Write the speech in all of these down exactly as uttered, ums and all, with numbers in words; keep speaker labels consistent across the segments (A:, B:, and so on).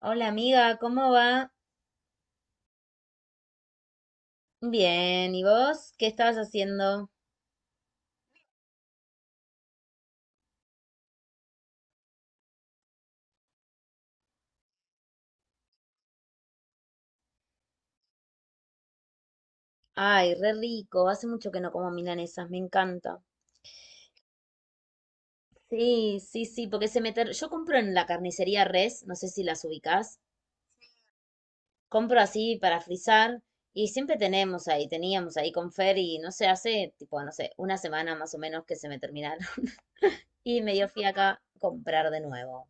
A: Hola amiga, ¿cómo va? Bien, ¿y vos? ¿Qué estabas haciendo? Ay, re rico, hace mucho que no como milanesas, me encanta. Sí, sí, sí, porque se me... ter- yo compro en la carnicería Res, no sé si las ubicás, compro así para frizar y siempre tenemos ahí, teníamos ahí con Fer y no sé, hace tipo, no sé, una semana más o menos que se me terminaron y me dio fiaca comprar de nuevo.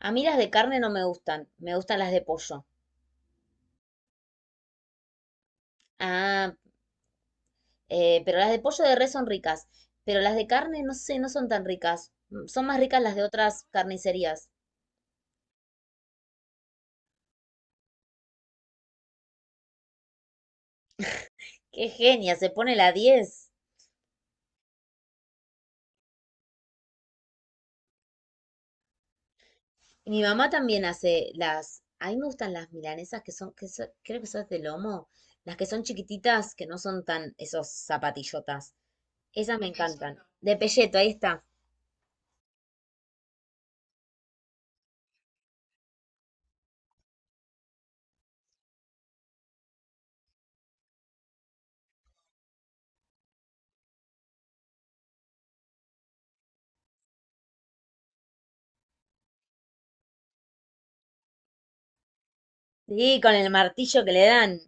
A: A mí las de carne no me gustan, me gustan las de pollo. Ah, Eh, pero las de pollo de res son ricas. Pero las de carne, no sé, no son tan ricas. Mm, Son más ricas las de otras carnicerías. ¡Qué genia! Se pone la diez. Y mi mamá también hace las... A mí me gustan las milanesas que son, que son- creo que son de lomo. Las que son chiquititas, que no son tan esos zapatillotas. Esas me encantan. De pelleto, ahí está. Sí, con el martillo que le dan.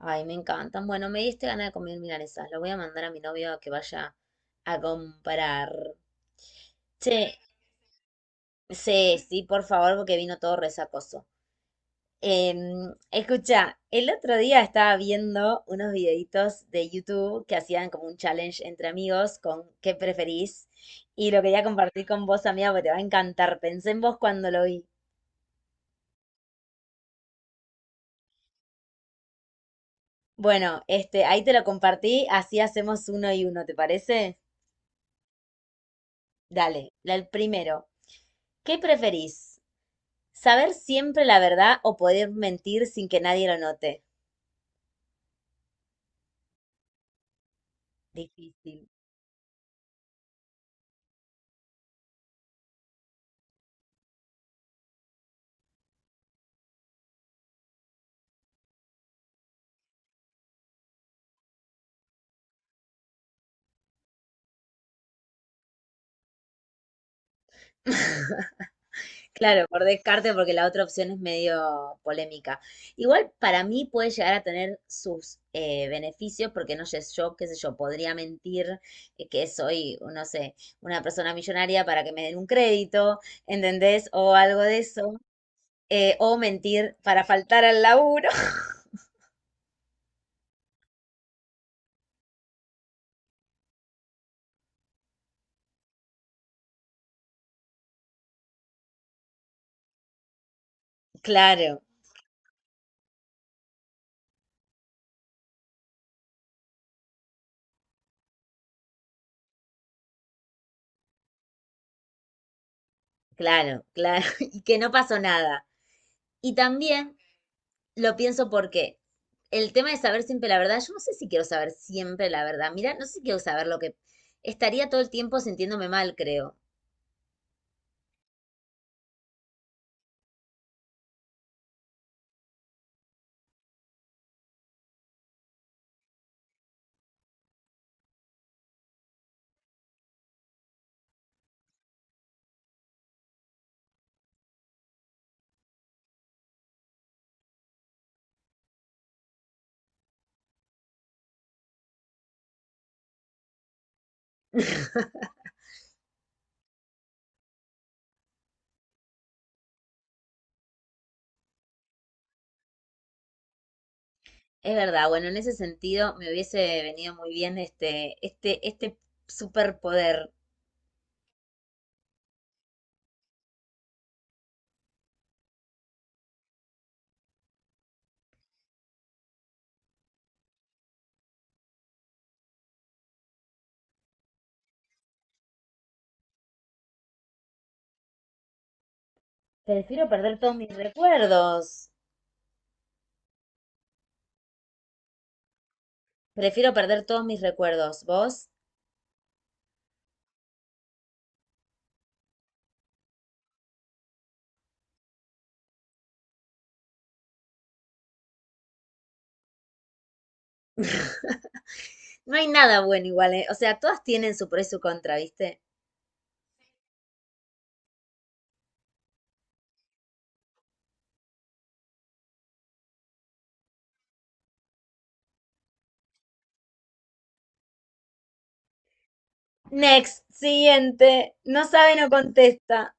A: Ay, me encantan. Bueno, me diste ganas de comer milanesas. Lo voy a mandar a mi novio a que vaya a comprar. Che, sí, sí, por favor, porque vino todo resacoso. Em, escucha, el otro día estaba viendo unos videitos de YouTube que hacían como un challenge entre amigos con qué preferís y lo quería compartir con vos, amiga, porque te va a encantar. Pensé en vos cuando lo vi. Bueno, este, ahí te lo compartí, así hacemos uno y uno, ¿te parece? Dale, la- el primero. ¿Qué preferís? ¿Saber siempre la verdad o poder mentir sin que nadie lo note? Difícil. Claro, por descarte, porque la otra opción es medio polémica. Igual para mí puede llegar a tener sus eh, beneficios, porque no sé, yo, qué sé yo, podría mentir, eh, que soy, no sé, una persona millonaria para que me den un crédito, ¿entendés? O algo de eso. Eh, o mentir para faltar al laburo. Claro, claro, claro. Y que no pasó nada. Y también lo pienso porque el tema de saber siempre la verdad, yo no sé si quiero saber siempre la verdad. Mira, no sé si quiero saber lo que... Estaría todo el tiempo sintiéndome mal, creo. Es verdad, bueno, en ese sentido me hubiese venido muy bien este, este, este superpoder. Prefiero perder todos mis recuerdos. Prefiero perder todos mis recuerdos. ¿Vos? No hay nada bueno igual, ¿eh? O sea, todas tienen su pro y su contra, ¿viste? Next, siguiente. No sabe, no contesta.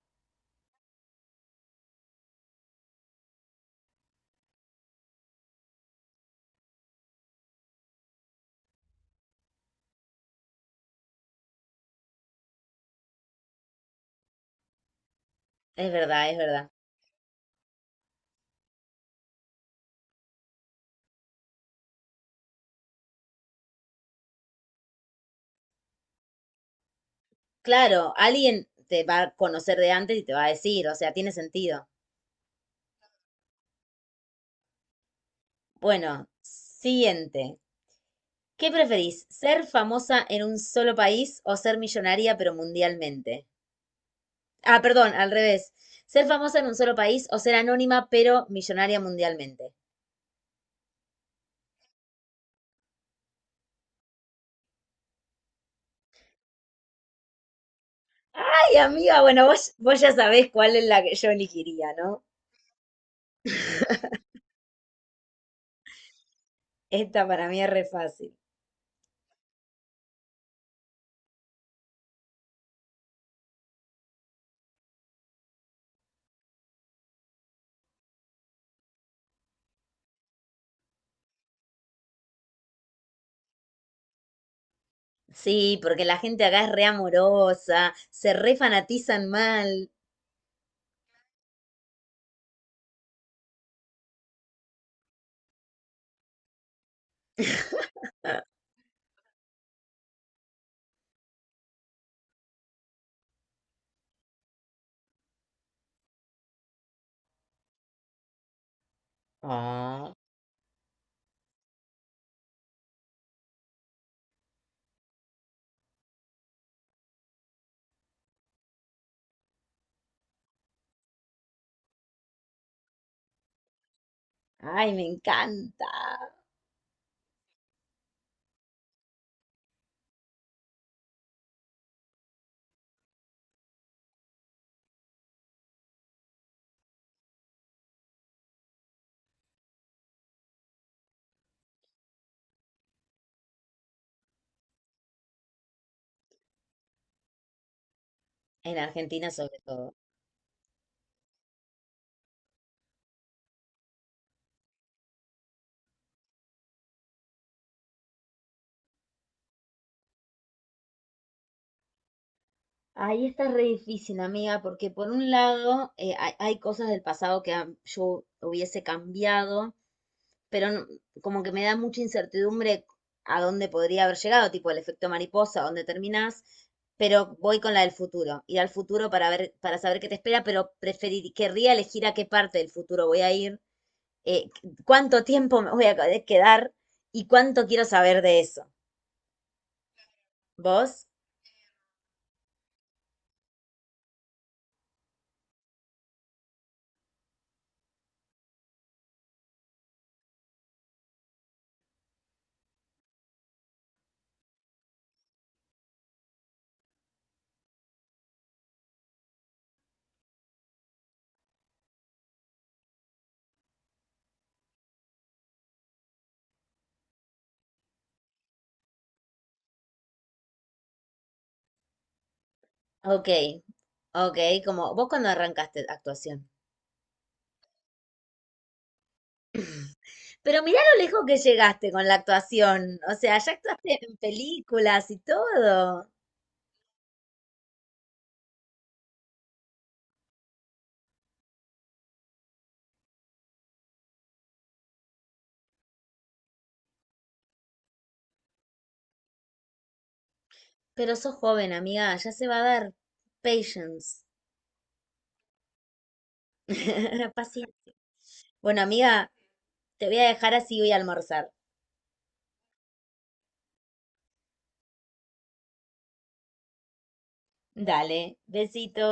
A: Es verdad, es verdad. Claro, alguien te va a conocer de antes y te va a decir, o sea, tiene sentido. Bueno, siguiente. ¿Qué preferís? ¿Ser famosa en un solo país o ser millonaria pero mundialmente? Ah, perdón, al revés. ¿Ser famosa en un solo país o ser anónima pero millonaria mundialmente? Ay, amiga, bueno, vos, vos ya sabés cuál es la que yo elegiría, ¿no? Esta para mí es re fácil. Sí, porque la gente acá es re amorosa, se re fanatizan mal. Ay, me encanta. En Argentina sobre todo. Ahí está re difícil, amiga, porque por un lado, eh, hay, hay cosas del pasado que am- yo hubiese cambiado, pero no- como que me da mucha incertidumbre a dónde podría haber llegado, tipo el efecto mariposa, dónde terminás, pero voy con la del futuro, ir al futuro para ver, para saber qué te espera, pero preferir, querría elegir a qué parte del futuro voy a ir, eh, cuánto tiempo me voy a quedar y cuánto quiero saber de eso. ¿Vos? Ok, ok, como vos cuando arrancaste actuación. Pero mirá lo lejos que llegaste con la actuación. O sea, ya actuaste en películas y todo. Pero sos joven, amiga, ya se va a dar. Patience. Paciencia. Bueno, amiga, te voy a dejar así voy a almorzar. Dale, besito.